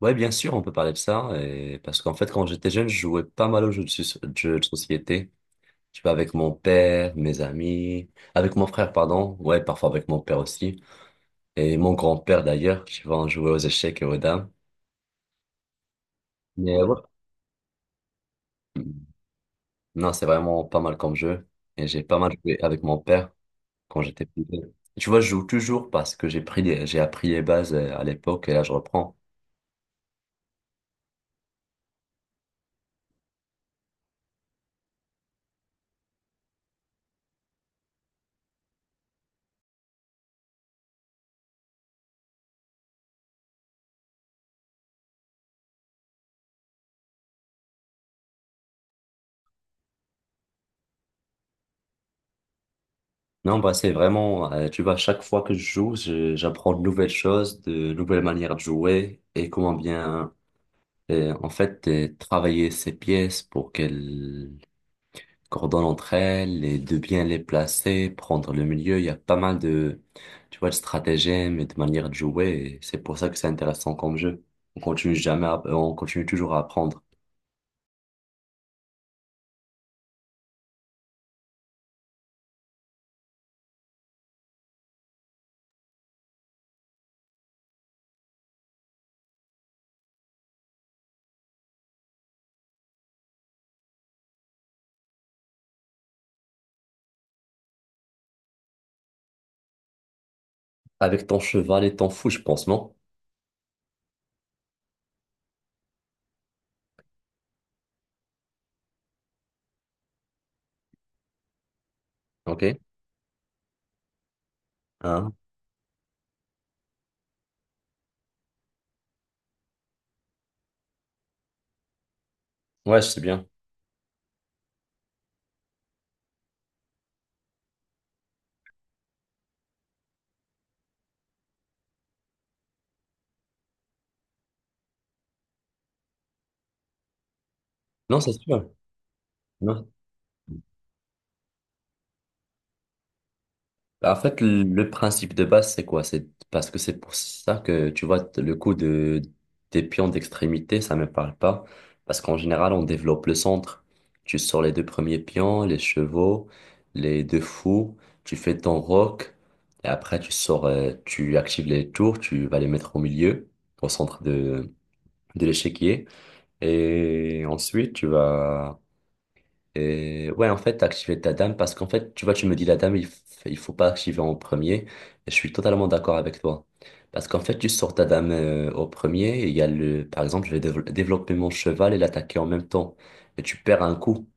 Ouais, bien sûr, on peut parler de ça. Et parce qu'en fait, quand j'étais jeune, je jouais pas mal aux jeux de société. Tu vois, avec mon père, mes amis, avec mon frère, pardon. Ouais, parfois avec mon père aussi. Et mon grand-père d'ailleurs, tu vois, on jouait aux échecs et aux dames. Mais ouais. Non, c'est vraiment pas mal comme jeu. Et j'ai pas mal joué avec mon père quand j'étais plus jeune. Tu vois, je joue toujours parce que j'ai appris les bases à l'époque et là, je reprends. Non, bah, c'est vraiment, tu vois, chaque fois que je joue, j'apprends de nouvelles choses, de nouvelles manières de jouer et comment bien, en fait, travailler ces pièces pour qu'elles coordonnent entre elles et de bien les placer, prendre le milieu. Il y a pas mal de, tu vois, de stratagèmes et de manières de jouer et c'est pour ça que c'est intéressant comme jeu. On continue jamais à- On continue toujours à apprendre. Avec ton cheval et ton fou, je pense, non? Ok. Hein? Ouais, c'est bien. Non, c'est sûr. Non. Bah, en fait, le principe de base, c'est quoi? C'est parce que c'est pour ça que, tu vois, le coup de, des pions d'extrémité, ça me parle pas. Parce qu'en général, on développe le centre. Tu sors les deux premiers pions, les chevaux, les deux fous, tu fais ton roc, et après, tu sors, tu actives les tours, tu vas les mettre au milieu, au centre de l'échiquier. Et ensuite, tu vas et ouais, en fait, activer ta dame, parce qu'en fait, tu vois, tu me dis la dame, il faut pas activer en premier. Et je suis totalement d'accord avec toi. Parce qu'en fait, tu sors ta dame au premier, il y a le, par exemple, je vais développer mon cheval et l'attaquer en même temps. Et tu perds un coup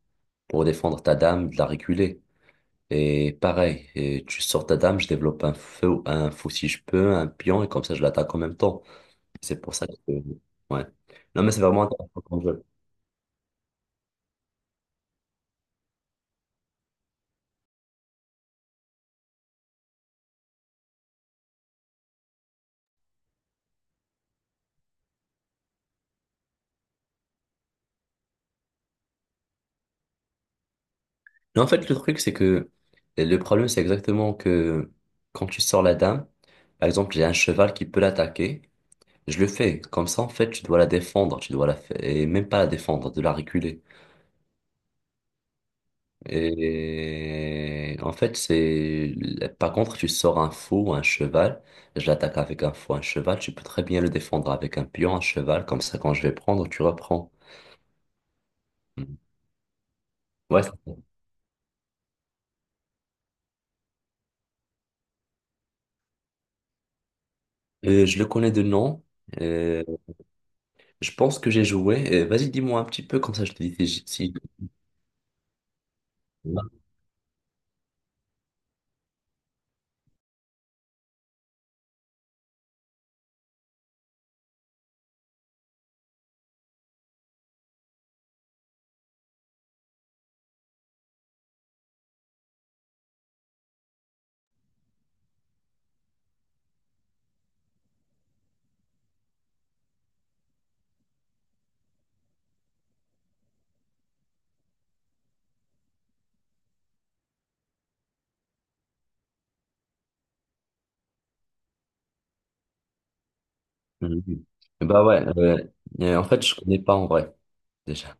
pour défendre ta dame, de la reculer. Et pareil, et tu sors ta dame, je développe un feu, un fou si je peux, un pion, et comme ça, je l'attaque en même temps. C'est pour ça que. Ouais. Non, mais c'est vraiment intéressant. Mais en fait, le truc, c'est que le problème, c'est exactement que quand tu sors la dame, par exemple, j'ai un cheval qui peut l'attaquer, je le fais. Comme ça, en fait, tu dois la défendre, tu dois la fa- et même pas la défendre, de la reculer. Et en fait, c'est, par contre, tu sors un fou ou un cheval, je l'attaque avec un fou, un cheval, tu peux très bien le défendre avec un pion, un cheval, comme ça, quand je vais prendre, tu reprends. Mm. Ouais, c'est ça. Je le connais de nom. Je pense que j'ai joué. Vas-y, dis-moi un petit peu, comme ça je te dis si, si. Mhm. Bah ouais, en fait, je connais pas en vrai, déjà.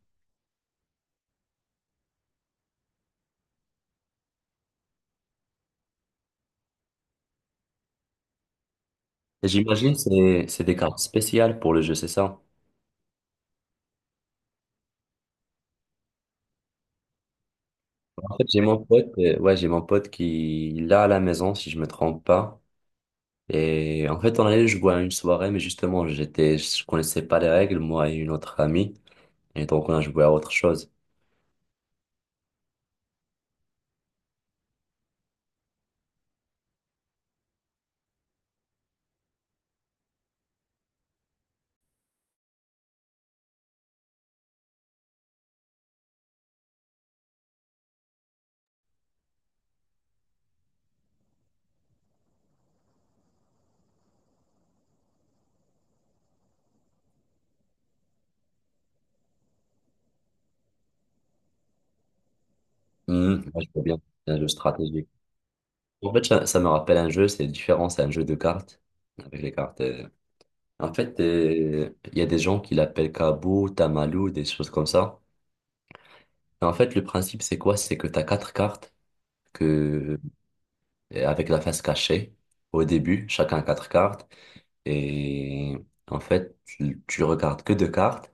Et j'imagine c'est des cartes spéciales pour le jeu, c'est ça? En fait, j'ai mon pote, ouais, j'ai mon pote qui l'a à la maison, si je me trompe pas. Et en fait, on allait jouer à une soirée, mais justement, j'étais, je connaissais pas les règles, moi et une autre amie. Et donc, on a joué à autre chose. Mhm. Moi, je vois bien, c'est un jeu stratégique. En fait, ça me rappelle un jeu, c'est différent, c'est un jeu de cartes, avec les cartes. En fait, il y a des gens qui l'appellent Kabou, Tamalou, des choses comme ça. En fait, le principe, c'est quoi? C'est que tu as quatre cartes que, et avec la face cachée au début, chacun a quatre cartes. Et en fait, tu regardes que deux cartes.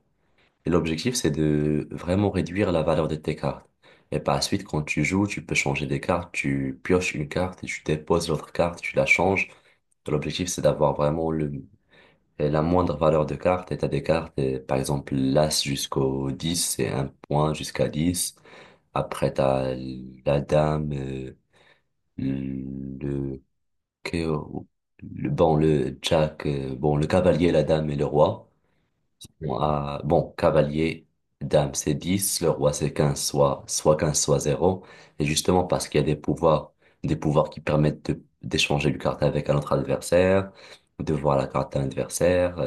Et l'objectif, c'est de vraiment réduire la valeur de tes cartes. Et par la suite, quand tu joues, tu peux changer des cartes. Tu pioches une carte et tu déposes l'autre carte, tu la changes. L'objectif, c'est d'avoir vraiment le et la moindre valeur de carte, et t'as des cartes, et par exemple l'As jusqu'au 10 c'est un point jusqu'à 10. Après, t'as la Dame, le, que- le Jack, bon, le Cavalier, la Dame et le Roi. Bon, Cavalier, Dame, c'est 10 le Roi, c'est 15 soit 15 soit 0. Et justement, parce qu'il y a des pouvoirs qui permettent d'échanger une carte avec un autre adversaire, de voir la carte à l'adversaire.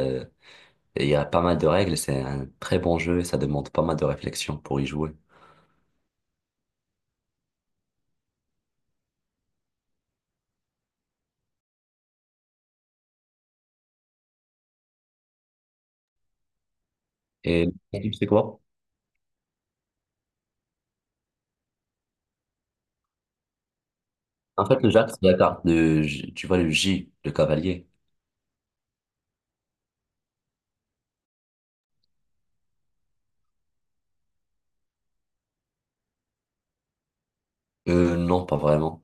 Et il y a pas mal de règles, c'est un très bon jeu et ça demande pas mal de réflexion pour y jouer. Et le type, c'est quoi? En fait, le jack c'est la carte tu vois, le J, le cavalier. Non, pas vraiment.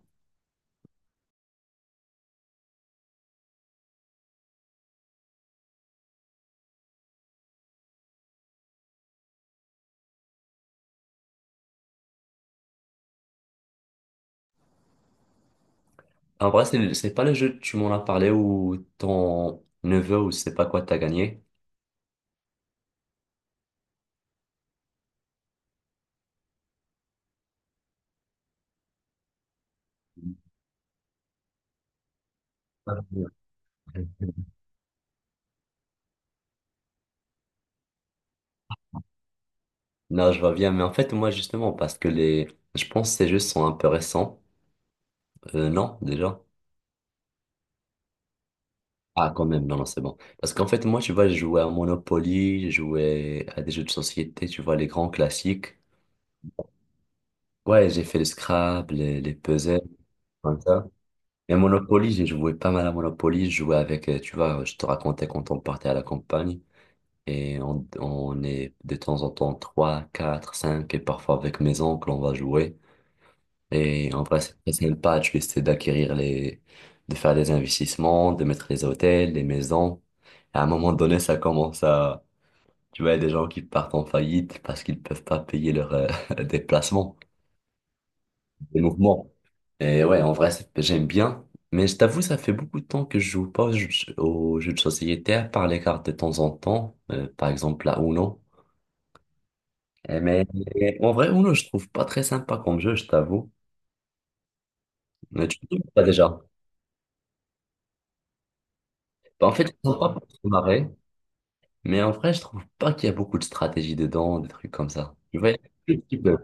En vrai, c'est pas le jeu, tu m'en as parlé ou ton neveu ou je sais pas quoi t'as gagné. Ah, oui. Non, je vois bien, mais en fait, moi, justement, parce que les, je pense que ces jeux sont un peu récents. Non, déjà. Ah, quand même, non, non, c'est bon. Parce qu'en fait, moi, tu vois, je jouais à Monopoly, je jouais à des jeux de société, tu vois, les grands classiques. Ouais, j'ai fait le Scrabble, les puzzles, comme ça. Et Monopoly, j'ai joué pas mal à Monopoly. Je jouais avec, tu vois, je te racontais quand on partait à la campagne. Et on est de temps en temps 3, 4, 5, et parfois avec mes oncles, on va jouer. Et en vrai, c'est très sympa. Tu essaies d'acquérir les, de faire des investissements, de mettre les hôtels, les maisons. Et à un moment donné, ça commence à, tu vois, il y a des gens qui partent en faillite parce qu'ils peuvent pas payer leur déplacement. Les mouvements. Et ouais, en vrai, j'aime bien. Mais je t'avoue, ça fait beaucoup de temps que je joue pas aux jeux de société, à part les cartes de temps en temps, par exemple la Uno. Eh, Mais mais en vrai, Uno, je trouve pas très sympa comme jeu, je t'avoue. Mais tu trouves pas déjà. Bah, en fait, je trouve pas pour se marrer, mais en vrai, je trouve pas qu'il y a beaucoup de stratégie dedans, des trucs comme ça. Tu vois, un petit peu.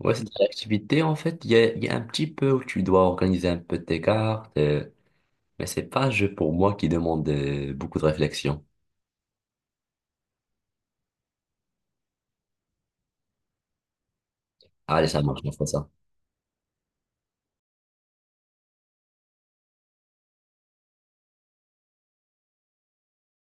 Ouais, c'est de l'activité, en fait, il y a un petit peu où tu dois organiser un peu tes cartes, mais c'est pas un jeu pour moi qui demande beaucoup de réflexion. Allez, ça marche, on fera ça.